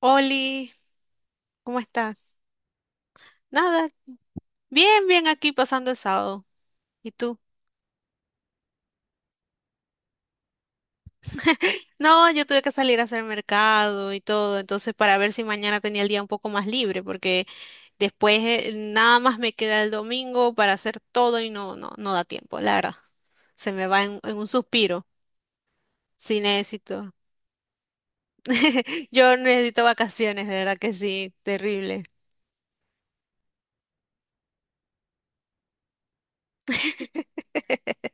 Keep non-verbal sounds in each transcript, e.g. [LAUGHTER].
Oli, ¿cómo estás? Nada, bien, bien aquí pasando el sábado. ¿Y tú? No, yo tuve que salir a hacer mercado y todo, entonces para ver si mañana tenía el día un poco más libre, porque después nada más me queda el domingo para hacer todo y no, no, no da tiempo, la verdad. Se me va en un suspiro. Sí, necesito. [LAUGHS] Yo necesito vacaciones, de verdad que sí, terrible. [LAUGHS]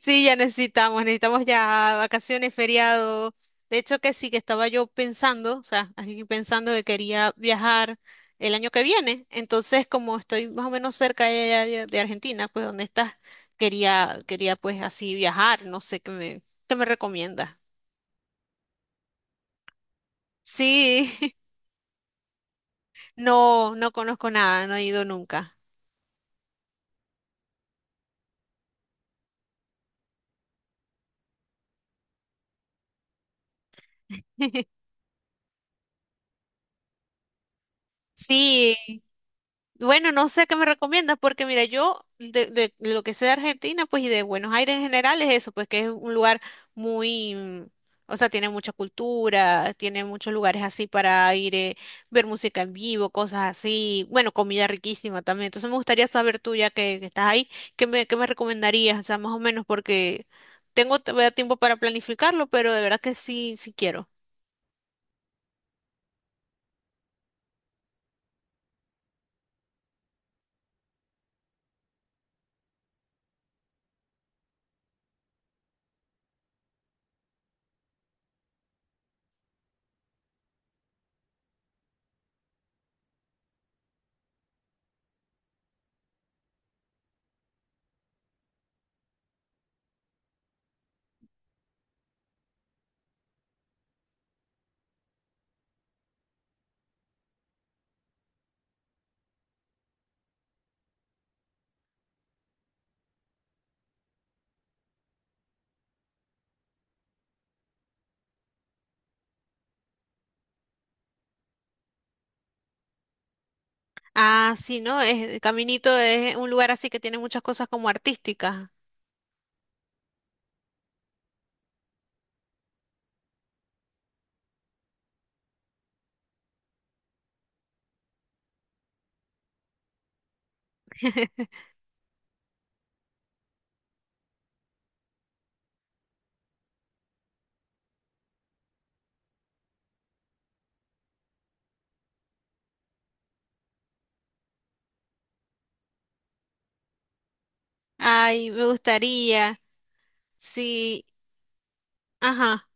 Sí, ya necesitamos, necesitamos ya vacaciones, feriado. De hecho, que sí, que estaba yo pensando, o sea, aquí pensando que quería viajar el año que viene. Entonces, como estoy más o menos cerca de, allá de Argentina, pues donde estás, quería pues así viajar. No sé qué me recomiendas. Sí, [LAUGHS] no, no conozco nada, no he ido nunca. [LAUGHS] Sí, bueno, no sé qué me recomiendas, porque mira, yo de lo que sé de Argentina, pues y de Buenos Aires en general es eso, pues que es un lugar muy, o sea, tiene mucha cultura, tiene muchos lugares así para ir, ver música en vivo, cosas así, bueno, comida riquísima también. Entonces me gustaría saber tú, ya que estás ahí, qué me recomendarías? O sea, más o menos, porque tengo todavía tiempo para planificarlo, pero de verdad que sí, sí quiero. Ah, sí, ¿no? Es, Caminito es un lugar así que tiene muchas cosas como artísticas. Ay, me gustaría. Sí, ajá.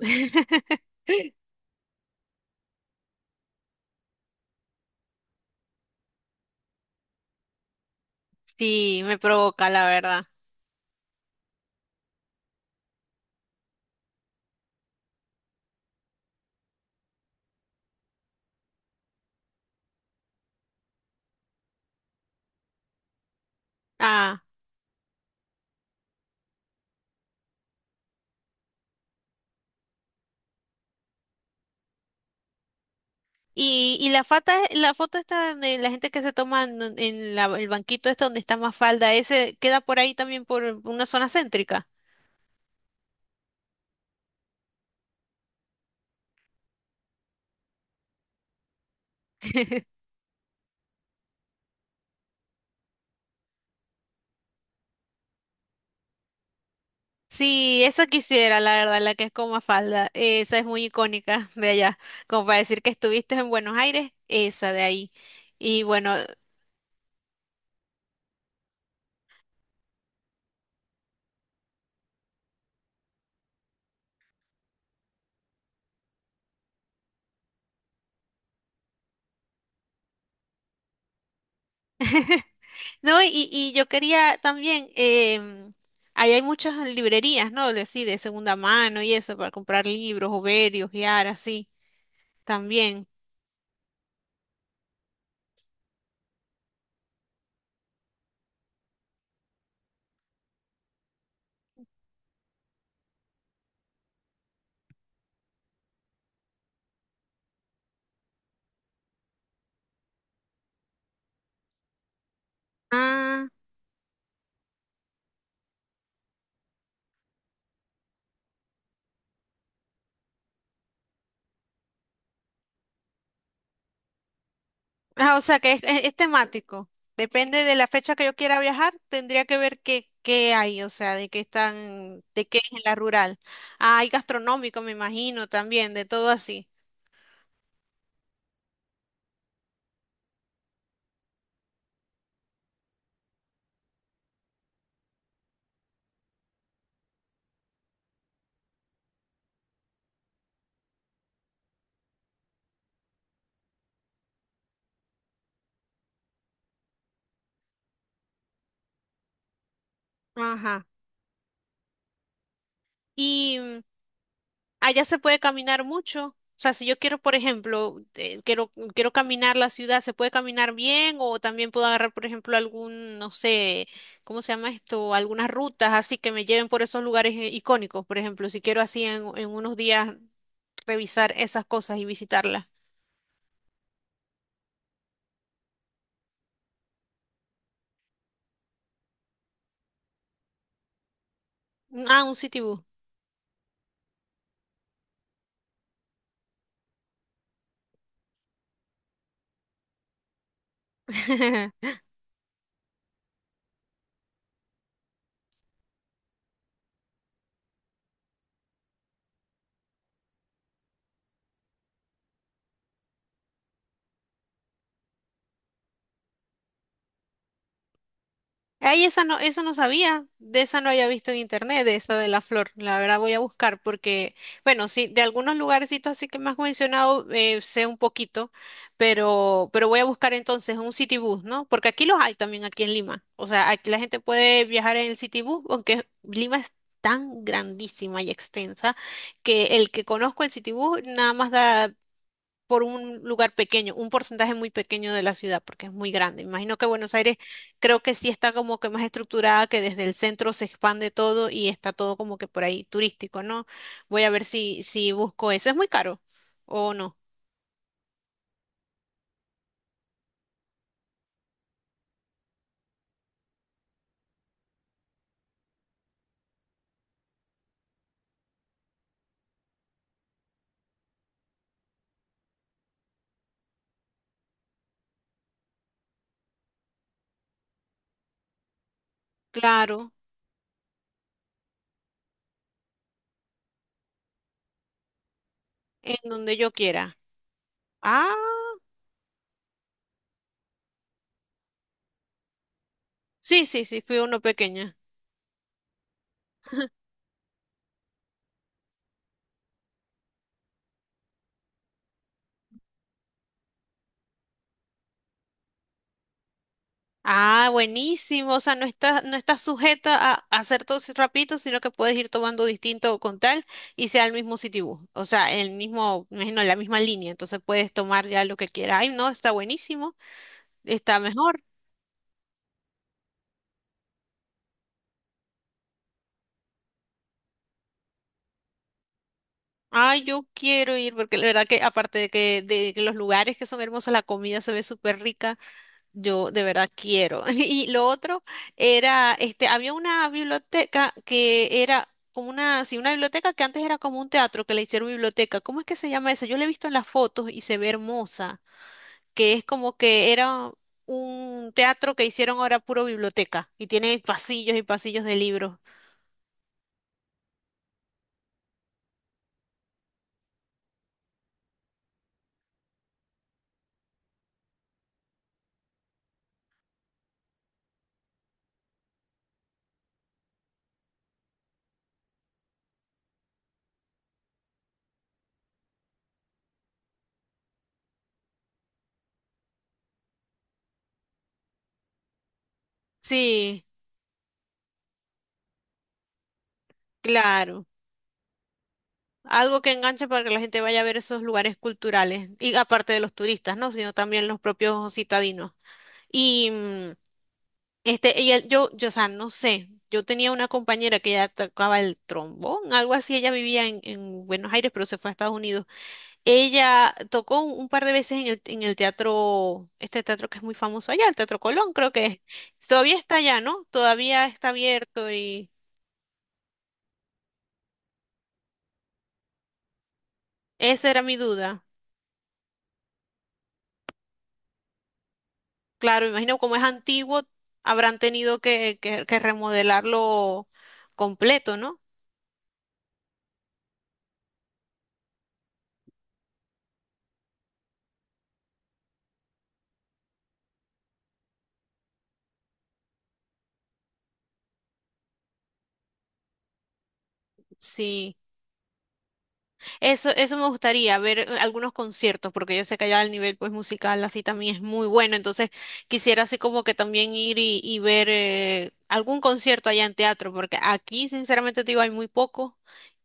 [LAUGHS] Sí, me provoca, la verdad. Ah, y la foto está de la gente que se toma en el banquito este donde está más falda, ese queda por ahí también por una zona céntrica. Sí, esa quisiera, la verdad, la que es con falda. Esa es muy icónica de allá. Como para decir que estuviste en Buenos Aires, esa de ahí. Y bueno, no, y yo quería también, ahí hay muchas librerías, ¿no? De así, de segunda mano y eso, para comprar libros, o ver y ojear, así, también. Ah, ah, o sea que es, es temático. Depende de la fecha que yo quiera viajar, tendría que ver qué, qué hay, o sea, de qué están, de qué es en la rural. Ah, hay gastronómico, me imagino, también, de todo así. Ajá. Y allá se puede caminar mucho. O sea, si yo quiero, por ejemplo, quiero, quiero caminar la ciudad, ¿se puede caminar bien? O también puedo agarrar, por ejemplo, algún, no sé, ¿cómo se llama esto? Algunas rutas así que me lleven por esos lugares icónicos, por ejemplo, si quiero así en unos días revisar esas cosas y visitarlas. Ah, un city bus. [LAUGHS] Ay, esa no, eso no sabía, de esa no había visto en internet, de esa de la flor. La verdad voy a buscar porque, bueno, sí, de algunos lugarcitos así que me has mencionado sé un poquito, pero voy a buscar entonces un city bus, ¿no? Porque aquí los hay también aquí en Lima. O sea, aquí la gente puede viajar en el city bus, aunque Lima es tan grandísima y extensa que el que conozco el city bus nada más da por un lugar pequeño, un porcentaje muy pequeño de la ciudad, porque es muy grande. Imagino que Buenos Aires creo que sí está como que más estructurada, que desde el centro se expande todo y está todo como que por ahí turístico, ¿no? Voy a ver si, si busco eso. ¿Es muy caro o no? Claro, en donde yo quiera. Ah, sí, sí, sí, fui a uno pequeño. Ah, buenísimo. O sea, no estás, no estás sujeta a hacer todo ese rapidito, sino que puedes ir tomando distinto con tal y sea el mismo Citibus. O sea, el mismo, me imagino, la misma línea. Entonces puedes tomar ya lo que quieras. Ay, no, está buenísimo. Está mejor. Ay, yo quiero ir porque la verdad que aparte de que los lugares que son hermosos, la comida se ve súper rica. Yo de verdad quiero. [LAUGHS] Y lo otro era, este, había una biblioteca que era como una, sí, una biblioteca que antes era como un teatro que le hicieron biblioteca. ¿Cómo es que se llama esa? Yo la he visto en las fotos y se ve hermosa, que es como que era un teatro que hicieron ahora puro biblioteca y tiene pasillos y pasillos de libros. Sí, claro. Algo que enganche para que la gente vaya a ver esos lugares culturales. Y aparte de los turistas, ¿no? Sino también los propios citadinos. Y este, yo, o sea, no sé, yo tenía una compañera que ella tocaba el trombón, algo así, ella vivía en Buenos Aires, pero se fue a Estados Unidos. Ella tocó un par de veces en el teatro, este teatro que es muy famoso allá, el Teatro Colón, creo que es. Todavía está allá, ¿no? Todavía está abierto y esa era mi duda. Claro, imagino como es antiguo, habrán tenido que remodelarlo completo, ¿no? Sí. Eso me gustaría ver algunos conciertos, porque yo sé que allá el nivel pues musical así también es muy bueno, entonces quisiera así como que también ir y ver algún concierto allá en teatro, porque aquí sinceramente te digo hay muy pocos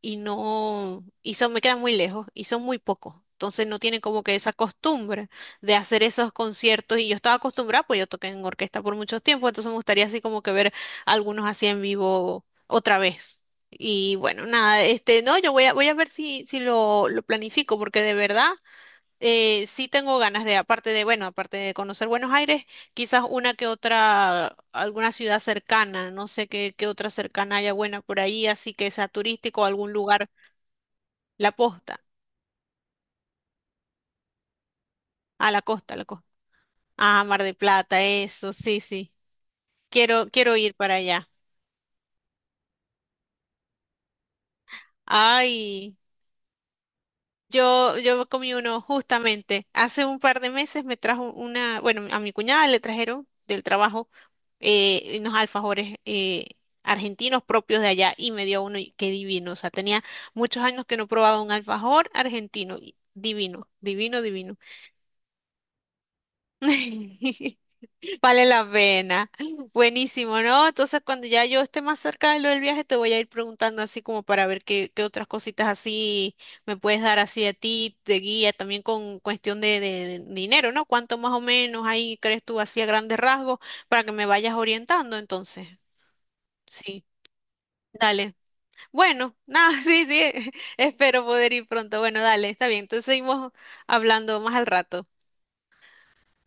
y no, y son, me quedan muy lejos y son muy pocos. Entonces no tienen como que esa costumbre de hacer esos conciertos y yo estaba acostumbrada, pues yo toqué en orquesta por muchos tiempo, entonces me gustaría así como que ver algunos así en vivo otra vez. Y bueno, nada, este, no, yo voy a, voy a ver si, si lo, lo planifico, porque de verdad sí tengo ganas de, aparte de, bueno, aparte de conocer Buenos Aires, quizás una que otra, alguna ciudad cercana, no sé qué, qué otra cercana haya buena por ahí, así que sea turístico, algún lugar, la posta, a la costa, a la costa. Ah, Mar de Plata, eso, sí, sí. Quiero, quiero ir para allá. Ay. Yo comí uno justamente. Hace un par de meses me trajo una, bueno, a mi cuñada le trajeron del trabajo unos alfajores argentinos propios de allá y me dio uno y qué divino. O sea, tenía muchos años que no probaba un alfajor argentino. Y divino, divino, divino. [LAUGHS] Vale la pena. Buenísimo, ¿no? Entonces, cuando ya yo esté más cerca de lo del viaje, te voy a ir preguntando así como para ver qué, qué otras cositas así me puedes dar así a ti de guía, también con cuestión de, de dinero, ¿no? ¿Cuánto más o menos ahí crees tú así a grandes rasgos para que me vayas orientando? Entonces, sí, dale. Bueno, nada, [LAUGHS] sí, sí, [LAUGHS] espero poder ir pronto. Bueno, dale, está bien. Entonces seguimos hablando más al rato.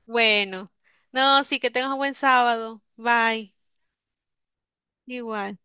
Bueno, no, sí, que tengas un buen sábado. Bye. Igual.